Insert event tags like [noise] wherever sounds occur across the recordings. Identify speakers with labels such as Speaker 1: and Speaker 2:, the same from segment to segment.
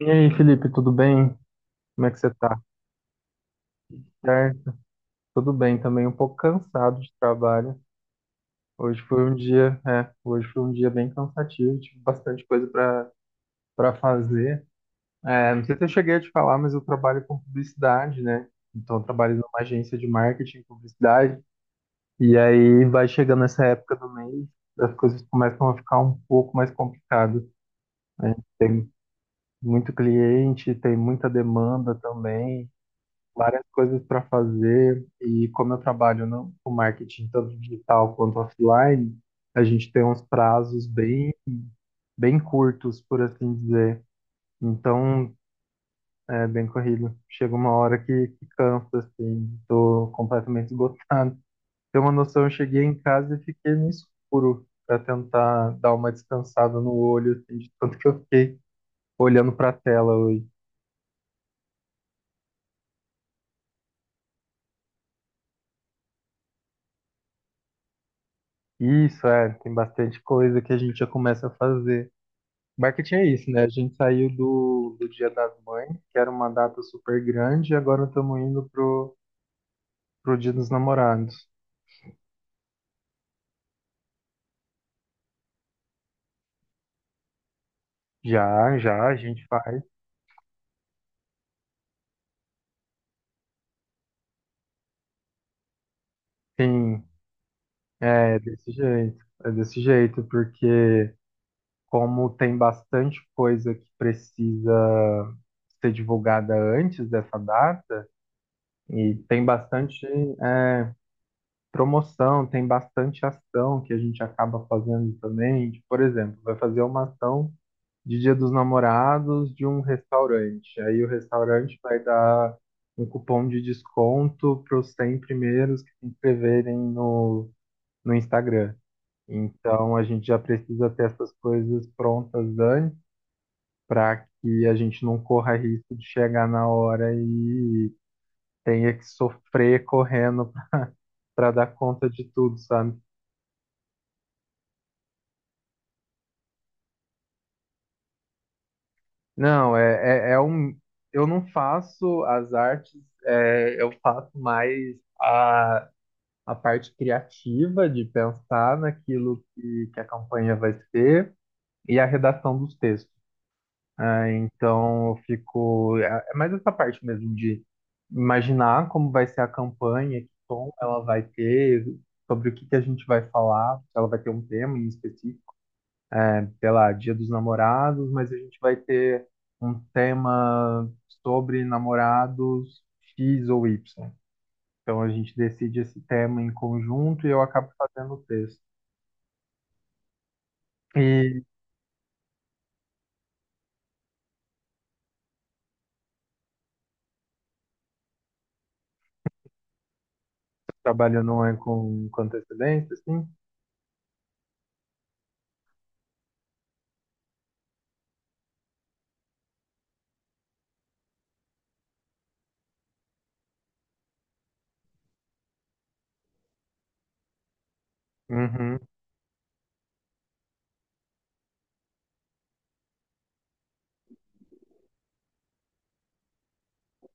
Speaker 1: E aí, Felipe, tudo bem? Como é que você tá? Certo? Tudo bem também, um pouco cansado de trabalho. Hoje foi um dia, hoje foi um dia bem cansativo, tive bastante coisa para fazer. Não sei se eu cheguei a te falar, mas eu trabalho com publicidade, né? Então, eu trabalho numa agência de marketing e publicidade. E aí vai chegando essa época do mês, as coisas começam a ficar um pouco mais complicadas. Tem muito cliente, tem muita demanda também. Várias coisas para fazer e como eu trabalho no, com marketing tanto digital quanto offline, a gente tem uns prazos bem curtos, por assim dizer. Então, é bem corrido. Chega uma hora que cansa, assim, tô completamente [laughs] esgotado. Tem uma noção, eu cheguei em casa e fiquei no escuro para tentar dar uma descansada no olho, assim, de tanto que eu fiquei olhando para a tela hoje. Isso, é, tem bastante coisa que a gente já começa a fazer. Marketing é isso, né? A gente saiu do Dia das Mães, que era uma data super grande, e agora estamos indo pro Dia dos Namorados. Já, já, a gente faz. Sim, é desse jeito. É desse jeito, porque como tem bastante coisa que precisa ser divulgada antes dessa data, e tem bastante, é, promoção, tem bastante ação que a gente acaba fazendo também. Tipo, por exemplo, vai fazer uma ação de Dia dos Namorados de um restaurante. Aí o restaurante vai dar um cupom de desconto para os 100 primeiros que se inscreverem no Instagram. Então a gente já precisa ter essas coisas prontas antes para que a gente não corra risco de chegar na hora e tenha que sofrer correndo [laughs] para dar conta de tudo, sabe? Não, é, é, é um. Eu não faço as artes, é, eu faço mais a parte criativa de pensar naquilo que a campanha vai ser e a redação dos textos. Ah, então, eu fico. É é mais essa parte mesmo de imaginar como vai ser a campanha, que tom ela vai ter, sobre o que que a gente vai falar, se ela vai ter um tema em específico, né? Sei lá, Dia dos Namorados, mas a gente vai ter um tema sobre namorados X ou Y. Então, a gente decide esse tema em conjunto e eu acabo fazendo o texto. E trabalho não é com antecedência, assim? Uhum.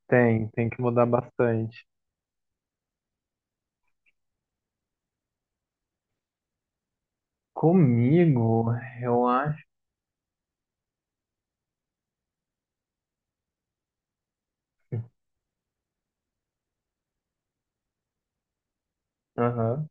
Speaker 1: Tem, tem que mudar bastante. Comigo, eu acho. Aham.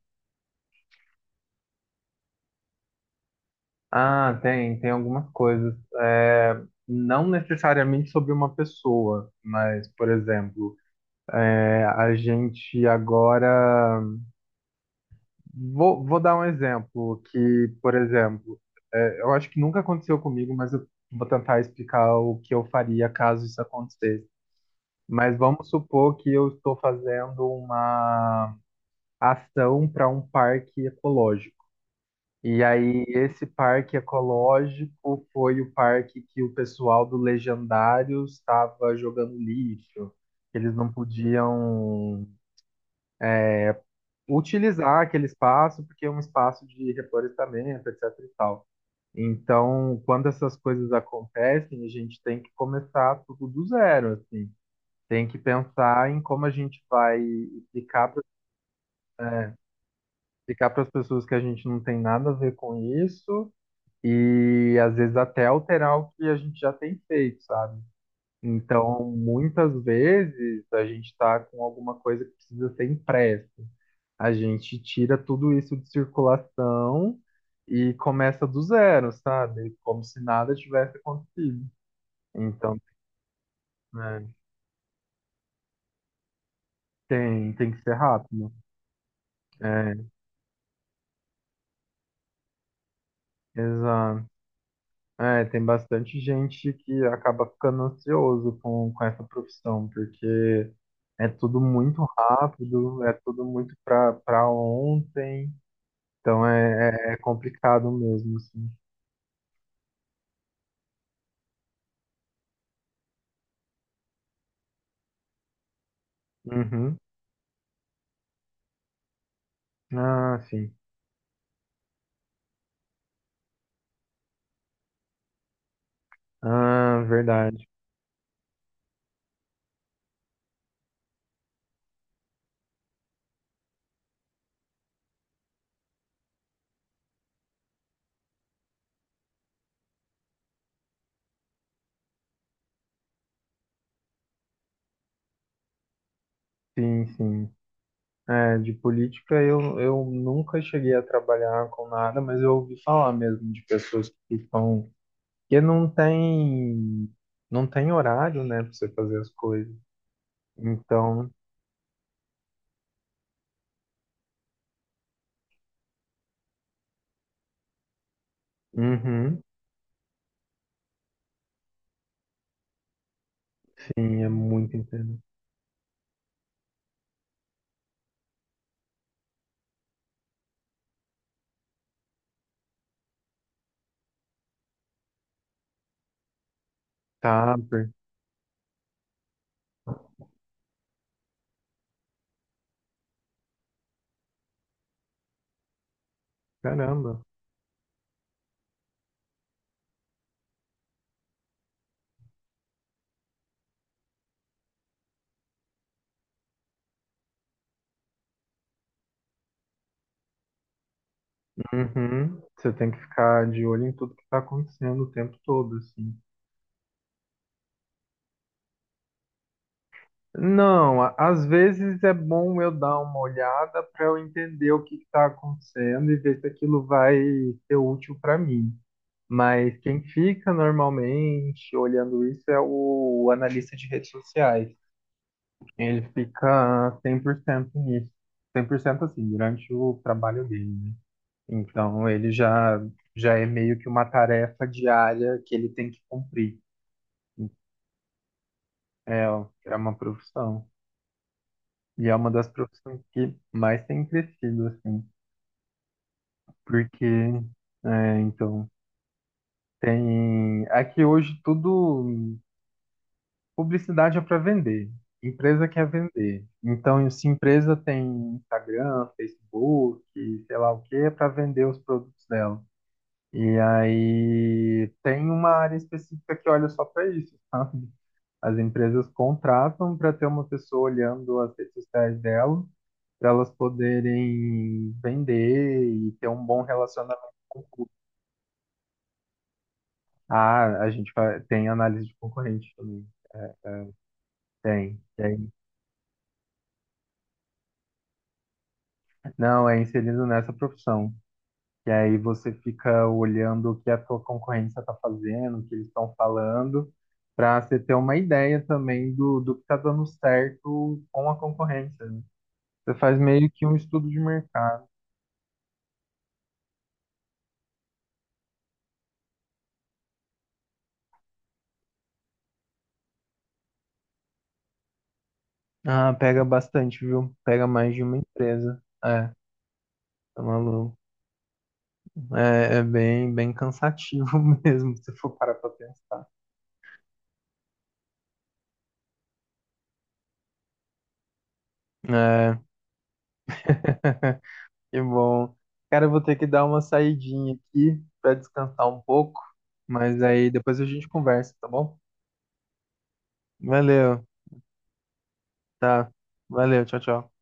Speaker 1: Ah, tem, tem algumas coisas. É, não necessariamente sobre uma pessoa, mas, por exemplo, é, a gente agora. Vou dar um exemplo por exemplo, é, eu acho que nunca aconteceu comigo, mas eu vou tentar explicar o que eu faria caso isso acontecesse. Mas vamos supor que eu estou fazendo uma ação para um parque ecológico. E aí, esse parque ecológico foi o parque que o pessoal do Legendário estava jogando lixo. Eles não podiam utilizar aquele espaço porque é um espaço de reflorestamento, etc e tal. Então, quando essas coisas acontecem, a gente tem que começar tudo do zero, assim. Tem que pensar em como a gente vai explicar para as pessoas que a gente não tem nada a ver com isso e às vezes até alterar o que a gente já tem feito, sabe? Então, muitas vezes a gente está com alguma coisa que precisa ser impressa. A gente tira tudo isso de circulação e começa do zero, sabe? Como se nada tivesse acontecido. Então, né, tem que ser rápido. É, exato. É, tem bastante gente que acaba ficando ansioso com essa profissão, porque é tudo muito rápido, é tudo muito pra ontem, então é complicado mesmo, assim. Uhum. Ah, sim. Ah, verdade. Sim, sim. É, de política eu nunca cheguei a trabalhar com nada, mas eu ouvi falar mesmo de pessoas que estão que não tem horário, né, para você fazer as coisas. Então, uhum, sim, é muito interessante. Tá, per- Caramba. Uhum, você tem que ficar de olho em tudo que está acontecendo o tempo todo, assim. Não, a- às vezes é bom eu dar uma olhada para eu entender o que está acontecendo e ver se aquilo vai ser útil para mim. Mas quem fica normalmente olhando isso é o analista de redes sociais. Ele fica 100% nisso. 100% assim, durante o trabalho dele. Né? Então ele já é meio que uma tarefa diária que ele tem que cumprir. É, ó, é uma profissão. E é uma das profissões que mais tem crescido, assim. Porque, é, então, tem. Aqui hoje tudo. Publicidade é para vender. Empresa quer vender. Então, se empresa tem Instagram, Facebook, sei lá o que, é para vender os produtos dela. E aí tem uma área específica que olha só para isso, sabe? As empresas contratam para ter uma pessoa olhando as redes sociais dela, para elas poderem vender e ter um bom relacionamento com o público. Ah, a gente fa- tem análise de concorrente também. É, tem, tem. Não, é inserido nessa profissão. E aí você fica olhando o que a tua concorrência está fazendo, o que eles estão falando, para você ter uma ideia também do que está dando certo com a concorrência. Né? Você faz meio que um estudo de mercado. Ah, pega bastante, viu? Pega mais de uma empresa. É, tá maluco. É, é bem cansativo [laughs] mesmo, se for parar pra pensar. É, [laughs] que bom. Cara, eu vou ter que dar uma saidinha aqui pra descansar um pouco, mas aí depois a gente conversa, tá bom? Valeu, tá. Valeu, tchau, tchau.